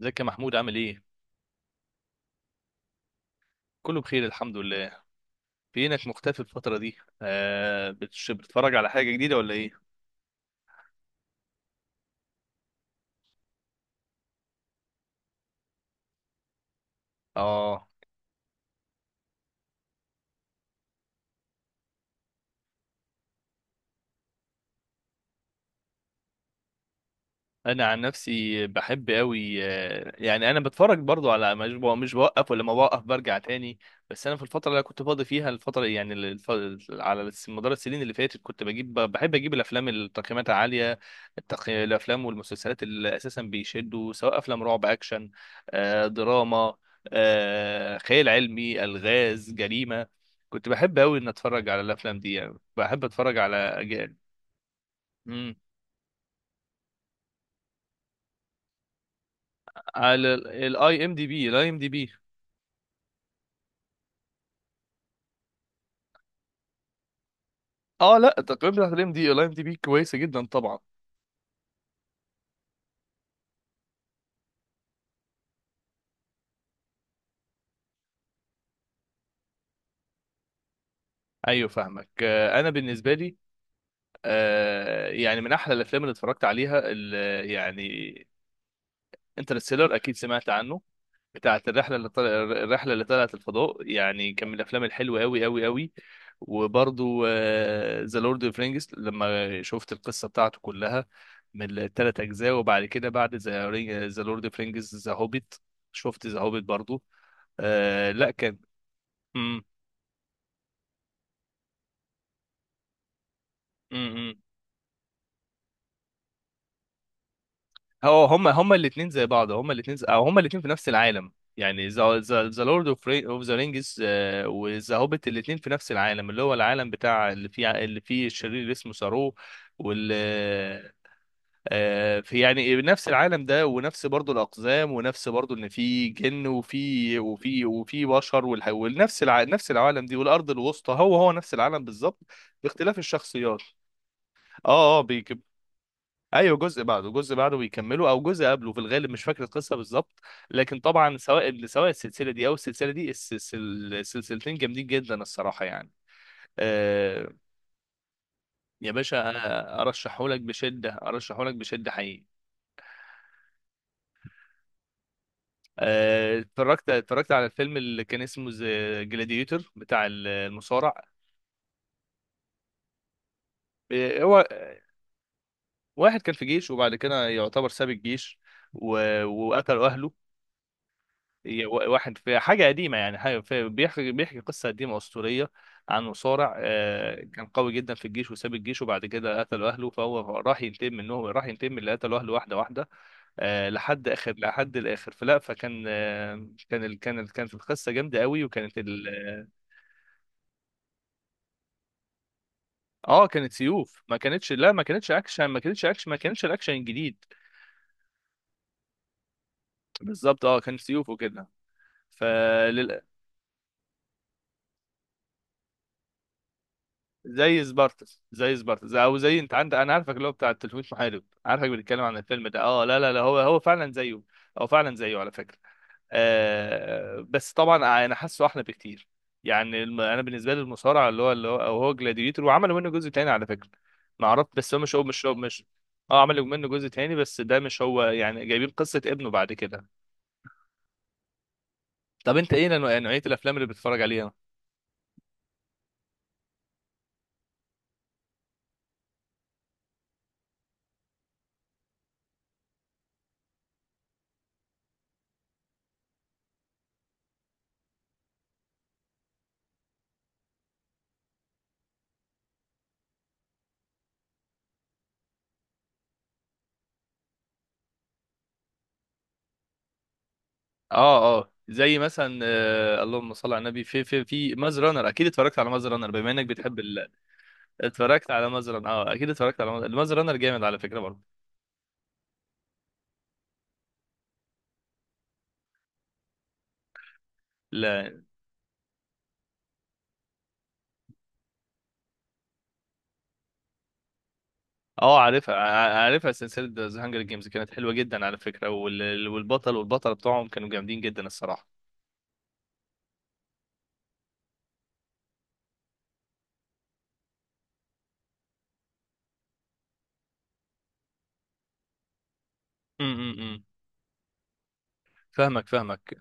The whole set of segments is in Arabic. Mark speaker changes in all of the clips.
Speaker 1: ازيك يا محمود؟ عامل ايه؟ كله بخير الحمد لله. فينك مختفي الفترة دي؟ آه، بتتفرج على حاجة جديدة ولا ايه؟ اه انا عن نفسي بحب قوي، آه، يعني انا بتفرج برضو على مش بوقف، ولما بوقف برجع تاني. بس انا في الفتره اللي أنا كنت فاضي فيها الفتره يعني على مدار السنين اللي فاتت كنت بحب اجيب الافلام اللي تقييماتها عاليه. الافلام والمسلسلات اللي اساسا بيشدوا، سواء افلام رعب، اكشن، آه، دراما، آه، خيال علمي، الغاز، جريمه. كنت بحب قوي ان اتفرج على الافلام دي، يعني بحب اتفرج على مم. على الاي ام دي بي، الاي ام دي بي. اه لا، التقييم بتاعت الام دي الاي ام دي بي كويسه جدا طبعا. ايوه فاهمك. آه، انا بالنسبه لي، آه، يعني من احلى الافلام اللي اتفرجت عليها يعني انترستيلر، اكيد سمعت عنه. بتاعت الرحله الرحله اللي طلعت الفضاء، يعني كان من الافلام الحلوه قوي قوي قوي. وبرضو ذا لورد اوف رينجز، لما شفت القصه بتاعته كلها من الثلاث اجزاء، وبعد كده بعد ذا لورد اوف رينجز ذا هوبيت، شفت ذا هوبيت برضو. آه، لا كان. مم. هو هما الاثنين زي بعض، هما الاثنين او هما الاثنين في نفس العالم. يعني ذا لورد اوف ذا رينجز، آه، وذا هوبيت الاثنين في نفس العالم، اللي هو العالم بتاع اللي فيه اللي فيه الشرير اللي اسمه سارو وال آه، في يعني نفس العالم ده، ونفس برضو الاقزام، ونفس برضو ان في جن وفي بشر، ونفس نفس العالم دي، والارض الوسطى هو هو نفس العالم بالظبط، باختلاف الشخصيات. اه اه ايوه، جزء بعده جزء بعده بيكملوا او جزء قبله في الغالب، مش فاكر القصه بالظبط. لكن طبعا سواء السلسله دي او السلسله دي، السلسلتين جامدين جدا الصراحه يعني. آه، يا باشا انا ارشحهولك بشده، ارشحهولك بشده حقيقي. آه، اتفرجت على الفيلم اللي كان اسمه جلاديتور، بتاع المصارع. آه، هو واحد كان في جيش وبعد كده يعتبر ساب الجيش، وقتل اهله. واحد في حاجة قديمة، يعني حاجة في بيحكي قصة قديمة أسطورية عن مصارع، آه، كان قوي جدا في الجيش وساب الجيش، وبعد كده قتلوا أهله، فهو راح ينتقم منهم، راح ينتقم من اللي قتلوا أهله واحدة واحدة. آه، لحد آخر لحد الآخر فلا، فكان آه، كانت القصة جامدة قوي، وكانت ال اه كانت سيوف، ما كانتش، لا ما كانتش أكشن، ما كانتش أكشن، ما كانش الأكشن الجديد. بالظبط اه كانت سيوف وكده. فلل زي سبارتس، زي سبارتس، او زي انت عندك، انا عارفك اللي هو بتاع التلفوت محارب، عارفك بنتكلم عن الفيلم ده. اه لا، هو هو فعلا زيه، هو فعلا زيه على فكره. آه، بس طبعا انا حاسه احلى بكتير. يعني انا بالنسبه لي المصارع اللي هو، اللي هو أو هو جلاديتور، وعملوا منه جزء تاني على فكره. ما اعرفش، بس هو مش. اه عملوا منه جزء تاني بس ده مش هو، يعني جايبين قصه ابنه بعد كده. طب انت ايه نوعيه الافلام اللي بتتفرج عليها؟ اه اه زي مثلا آه، اللهم صل على النبي، في ماز رانر، اكيد اتفرجت على ماز رانر بما انك بتحب ال... آه، اتفرجت على ماز رانر اه، اكيد اتفرجت على ماز رانر، جامد على فكره برضه. لا، اه عارفها، عارفها، سلسله ذا هانجر جيمز كانت حلوه جدا على فكره، وال... والبطل والبطله بتوعهم كانوا جامدين جدا الصراحه. امم. فاهمك فاهمك.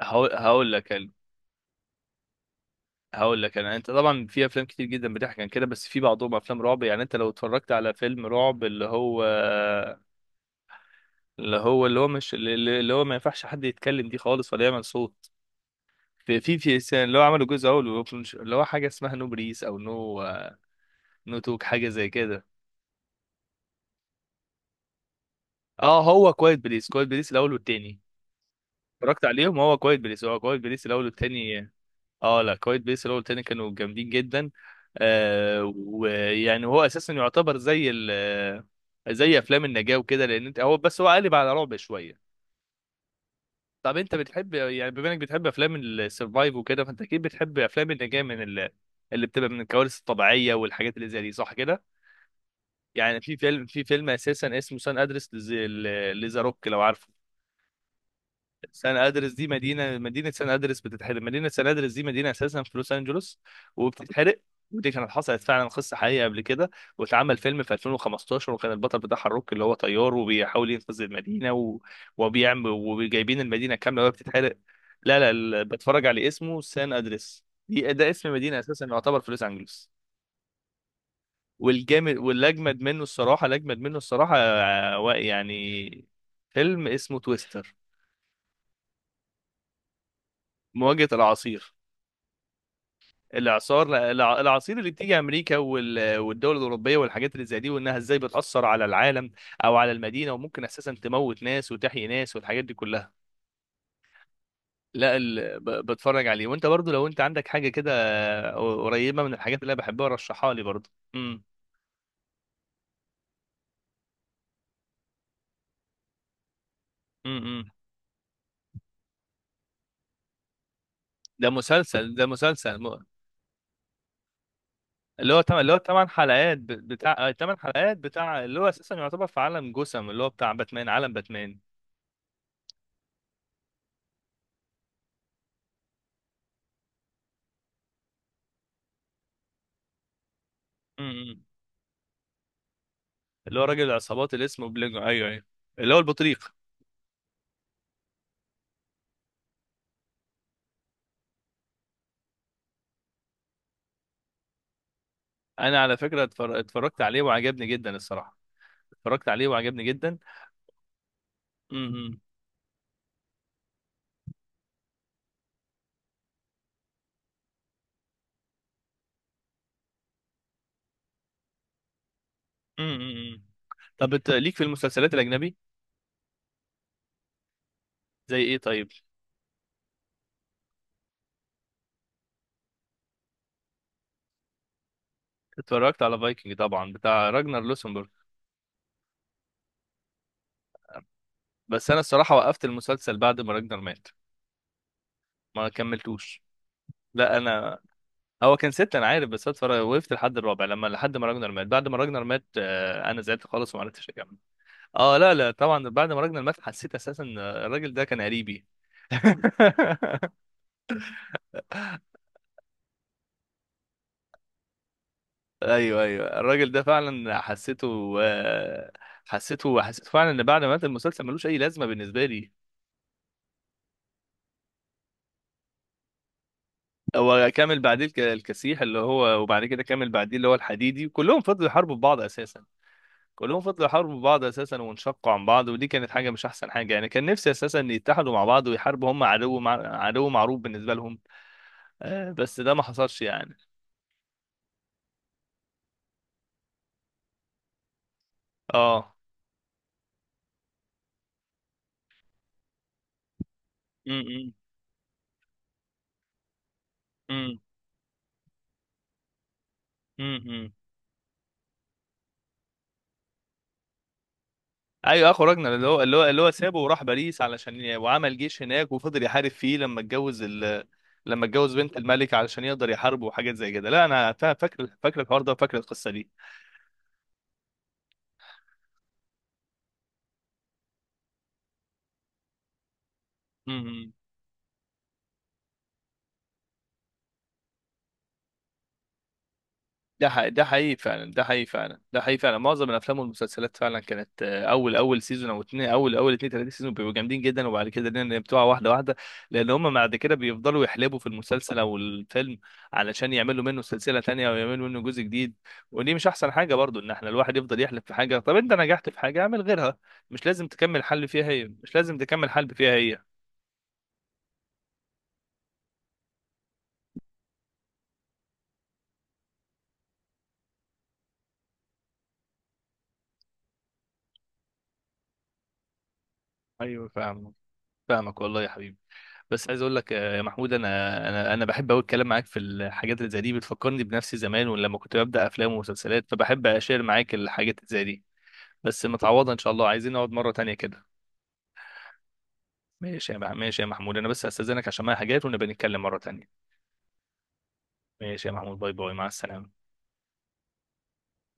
Speaker 1: هقول لك هقول لك انا. انت طبعا في افلام كتير جدا بتحكي عن كده، بس في بعضهم افلام رعب، يعني انت لو اتفرجت على فيلم رعب، اللي هو، اللي هو اللي هو مش اللي اللي هو ما ينفعش حد يتكلم دي خالص ولا يعمل صوت. في إنسان، اللي هو عملوا جزء اول اللي هو حاجه اسمها نو بريس او نو، نو توك، حاجه زي كده. اه هو كويت بليس، كويت بليس الاول والتاني، اتفرجت عليهم. هو كويت بليس، هو كويت بليس الاول والتاني. اه لا، كويت بليس الاول والتاني كانوا جامدين جدا. آه، ويعني هو اساسا يعتبر زي ال زي افلام النجاة وكده، لان انت هو بس هو قالب على رعب شويه. طب انت بتحب، يعني بما انك بتحب افلام السرفايف وكده، فانت اكيد بتحب افلام اللي جايه من ال... اللي بتبقى من الكوارث الطبيعيه والحاجات اللي زي دي، صح كده؟ يعني في فيلم اساسا اسمه سان ادرس، لذا روك، لو عارفه. سان ادرس دي مدينه، مدينه سان ادرس بتتحرق، مدينه سان ادرس دي مدينه اساسا في لوس انجلوس، وبتتحرق. ودي كانت حصلت فعلا، قصه حقيقيه قبل كده، واتعمل فيلم في 2015، وكان البطل بتاعها الروك، اللي هو طيار وبيحاول ينقذ المدينه و... وبيعمل وجايبين المدينه كامله وهي بتتحرق. لا بتفرج على اسمه سان ادرس، دي ده اسم مدينه اساسا يعتبر في لوس انجلوس. والجامد، والاجمد منه الصراحه، الاجمد منه الصراحه، آه، يعني فيلم اسمه تويستر. مواجهه العصير، الاعصار، الاعاصير اللي بتيجي امريكا والدول الاوروبيه والحاجات اللي زي دي، وانها ازاي بتاثر على العالم او على المدينه، وممكن اساسا تموت ناس وتحيي ناس، والحاجات دي كلها. لا، ال... بتفرج عليه. وانت برضو لو انت عندك حاجه كده قريبه من الحاجات اللي انا بحبها رشحها لي برضو. امم امم. ده مسلسل، ده مسلسل، م... اللي هو تم... اللي هو ثمان حلقات، بتاع ثمان حلقات، بتاع اللي هو اساسا يعتبر في عالم جسم، اللي هو بتاع باتمان، عالم باتمان. امم امم. اللي هو راجل العصابات اللي اسمه بلينجو، ايوه ايوه، اللي هو البطريق. انا على فكره اتفرجت عليه وعجبني جدا الصراحه، اتفرجت عليه وعجبني جدا. امم امم. طب انت ليك في المسلسلات الاجنبي؟ زي ايه طيب؟ اتفرجت على فايكنج طبعا، بتاع راجنر لوسنبورغ. بس انا الصراحه وقفت المسلسل بعد ما راجنر مات، ما كملتوش. لا انا، هو كان ستة انا عارف، بس اتفرج وقفت لحد الرابع، لما لحد ما راجنر مات. بعد ما راجنر مات آه، انا زعلت خالص وما عرفتش اكمل. اه لا لا طبعا، بعد ما راجنر مات حسيت اساسا إن الراجل ده كان قريبي. ايوه ايوه، الراجل ده فعلا حسيته آه، حسيته، حسيته فعلا ان بعد ما مات المسلسل ملوش اي لازمه بالنسبه لي. هو كمل بعديه الكسيح اللي هو، وبعد كده كمل بعديه اللي هو الحديدي، كلهم فضلوا يحاربوا بعض اساسا، كلهم فضلوا يحاربوا بعض اساسا وانشقوا عن بعض، ودي كانت حاجه مش احسن حاجه، يعني كان نفسي اساسا ان يتحدوا مع بعض ويحاربوا هم عدو مع... عدو معروف بالنسبه لهم. آه، بس ده ما حصلش يعني. اه امم امم. ايوه، اخو راجنر، اللي هو اللي هو اللي هو سابه وراح باريس علشان وعمل جيش هناك وفضل يحارب فيه لما اتجوز ال... لما اتجوز بنت الملك علشان يقدر يحاربه وحاجات زي كده. لا انا فاكر، فاكر الحوار ده وفاكر القصه دي. ده حقيقي، ده حقيقي فعلا، ده حقيقي فعلا، ده حقيقي فعلا، معظم الافلام والمسلسلات فعلا كانت آه، اول سيزون او اتنين، اول اتنين تلاته سيزون بيبقوا جامدين جدا، وبعد كده الدنيا بتقع واحده واحده. لان هم بعد كده بيفضلوا يحلبوا في المسلسل او الفيلم علشان يعملوا منه سلسله تانيه او يعملوا منه جزء جديد. ودي مش احسن حاجه برضو ان احنا الواحد يفضل يحلب في حاجه. طب انت نجحت في حاجه، اعمل غيرها. مش لازم تكمل حل فيها هي، مش لازم تكمل حل فيها هي. ايوه فاهمك، فاهمك والله يا حبيبي. بس عايز اقول لك آه، يا محمود، انا بحب قوي الكلام معاك في الحاجات اللي زي دي، بتفكرني بنفسي زمان ولما كنت ببدا افلام ومسلسلات، فبحب اشير معاك الحاجات اللي زي دي. بس متعوضه ان شاء الله، عايزين نقعد مره تانية كده. ماشي ماشي يا محمود، انا بس استاذنك عشان معايا حاجات، ونبقى نتكلم مره تانية. ماشي يا محمود، باي باي، مع السلامه.